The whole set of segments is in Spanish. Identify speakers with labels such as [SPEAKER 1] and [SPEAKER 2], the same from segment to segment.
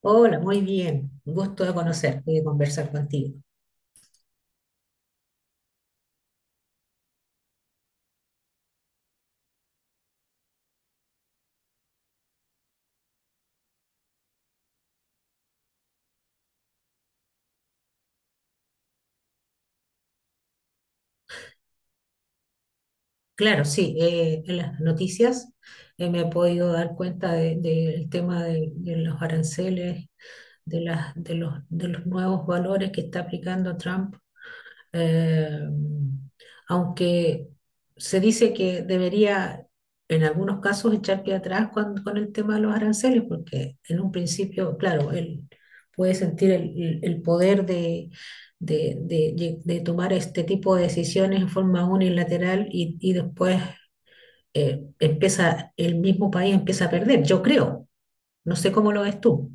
[SPEAKER 1] Hola, muy bien. Un gusto de conocerte y de conversar contigo. Claro, sí, en las noticias me he podido dar cuenta del tema de los aranceles, de los nuevos valores que está aplicando Trump, eh, aunque se dice que debería en algunos casos echar pie atrás con el tema de los aranceles, porque en un principio, claro, él puede sentir el poder de- de de tomar este tipo de decisiones en forma unilateral y después, el mismo país empieza a perder, yo creo. No sé cómo lo ves tú.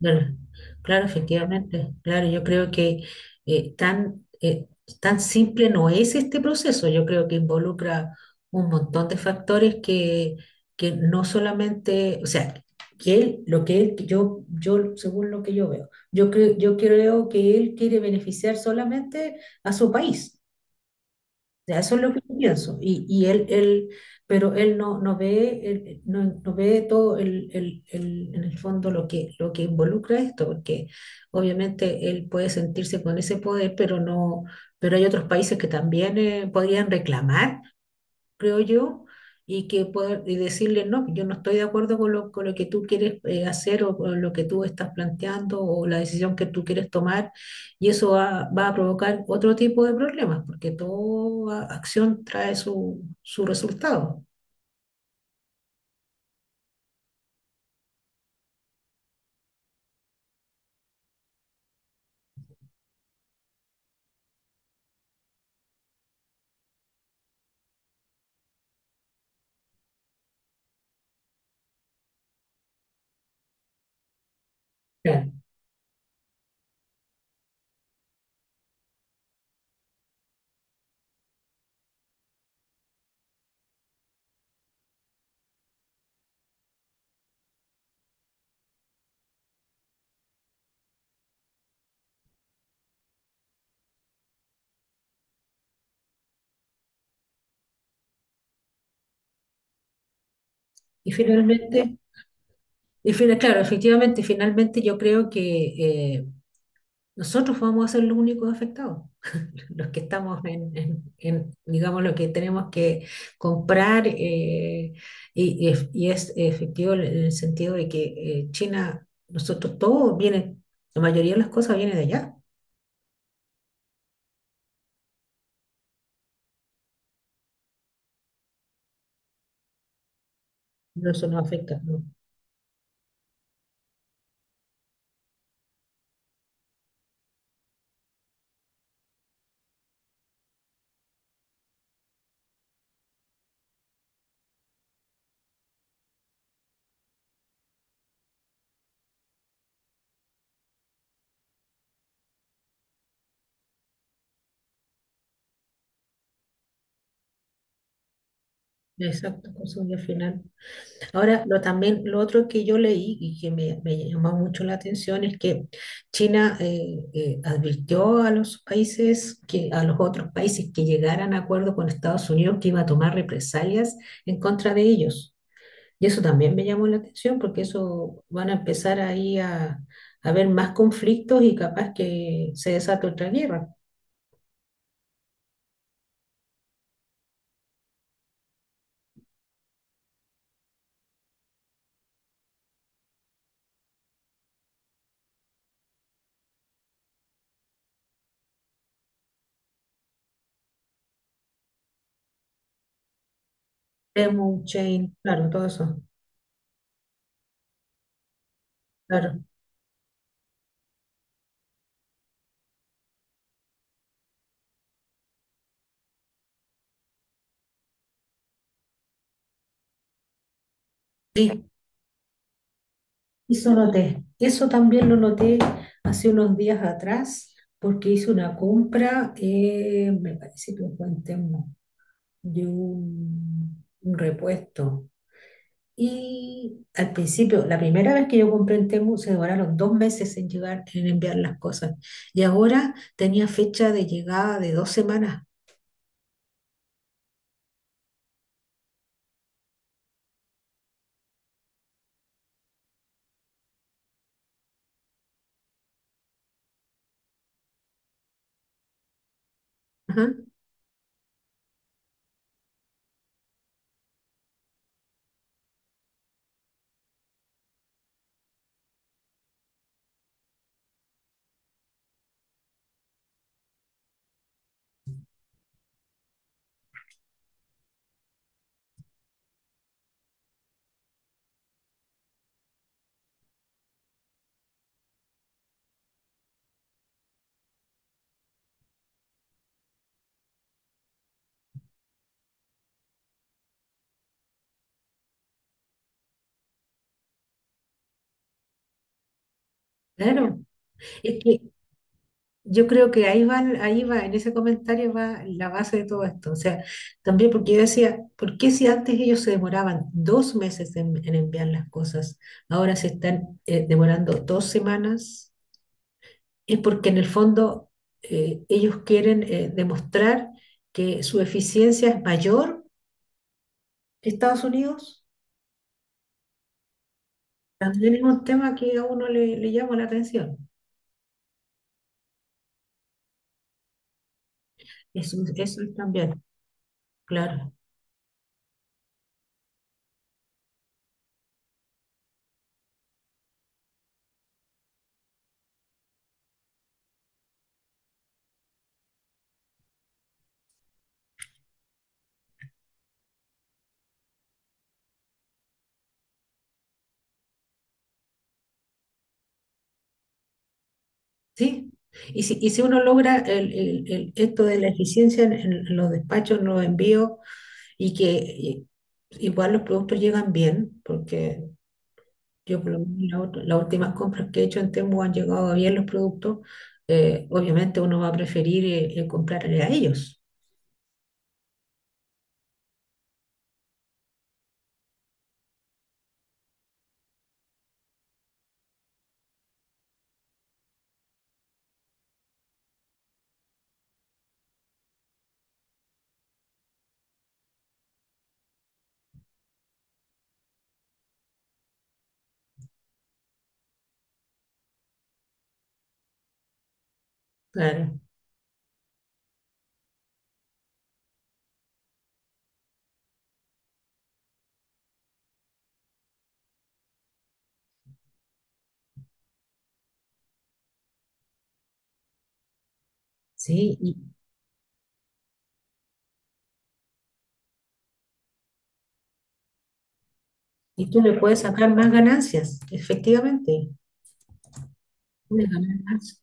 [SPEAKER 1] Claro, claro, efectivamente. Claro, yo creo que eh, tan, eh, tan simple no es este proceso. Yo creo que involucra un montón de factores que no solamente, o sea, que él, lo que él, yo, según lo que yo veo, yo creo que él quiere beneficiar solamente a su país, sea, eso es lo que yo pienso. Pero él no ve todo en el fondo lo que involucra esto, porque obviamente él puede sentirse con ese poder, pero no, pero hay otros países que también podrían reclamar, creo yo, y que poder y decirle, no, yo no estoy de acuerdo con lo que tú quieres hacer o con lo que tú estás planteando o la decisión que tú quieres tomar, y eso va a provocar otro tipo de problemas, porque toda acción trae su resultado. Claro. Y finalmente, claro, efectivamente, finalmente yo creo que nosotros vamos a ser los únicos afectados. Los que estamos digamos, lo que tenemos que comprar, y es efectivo en el sentido de que China, nosotros todo viene, la mayoría de las cosas viene de allá, no, eso no afecta, ¿no? Exacto, consumo al final. Ahora, también lo otro que yo leí y que me llamó mucho la atención es que China, advirtió a los países, a los otros países que llegaran a acuerdo con Estados Unidos que iba a tomar represalias en contra de ellos. Y eso también me llamó la atención porque eso van a empezar ahí a haber más conflictos y capaz que se desata otra guerra. Temu, Chain, claro, todo eso. Claro. Sí, eso también lo noté hace unos días atrás, porque hice una compra, me parece que fue en Temu, de un repuesto. Y al principio, la primera vez que yo compré en Temu, se demoraron 2 meses en llegar, en enviar las cosas. Y ahora tenía fecha de llegada de 2 semanas. Ajá, claro. Es que yo creo que ahí va, en ese comentario va la base de todo esto. O sea, también porque yo decía, ¿por qué si antes ellos se demoraban 2 meses en enviar las cosas, ahora se están demorando 2 semanas? Es porque en el fondo ellos quieren demostrar que su eficiencia es mayor que Estados Unidos. También es un tema que a uno le llama la atención. Eso es también, claro. Sí, y si uno logra esto de la eficiencia en los despachos, en los envíos, y que y- igual los productos llegan bien, porque yo por lo menos las últimas compras que he hecho en Temu han llegado bien los productos, obviamente uno va a preferir comprarle a ellos, claro, sí, y tú le puedes sacar más ganancias, efectivamente, una ganancia,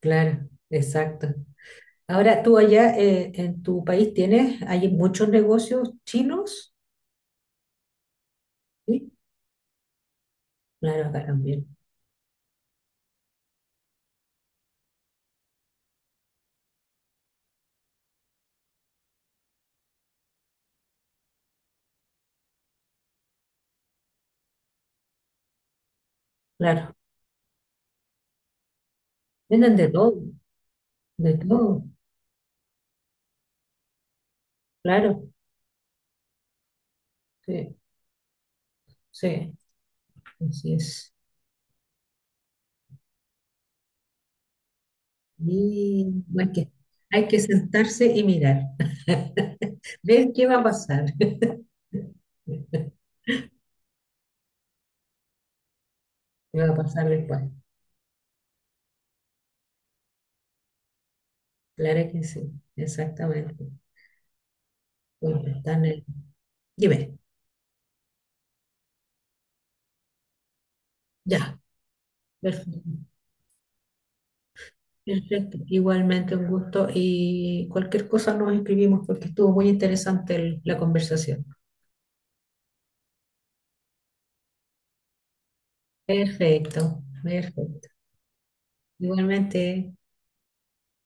[SPEAKER 1] claro, exacto. Ahora, tú allá en tu país hay muchos negocios chinos. Sí, claro, acá también. Claro. Venden de todo, de todo. Claro. Sí, sí, así es. Y bueno, es que hay que sentarse y mirar. Ver qué va a pasar. ¿Qué va a pasar después? Claro que sí, exactamente. Bueno, dime, ya, perfecto. Perfecto, igualmente un gusto y cualquier cosa nos escribimos porque estuvo muy interesante la conversación. Perfecto, perfecto. Igualmente.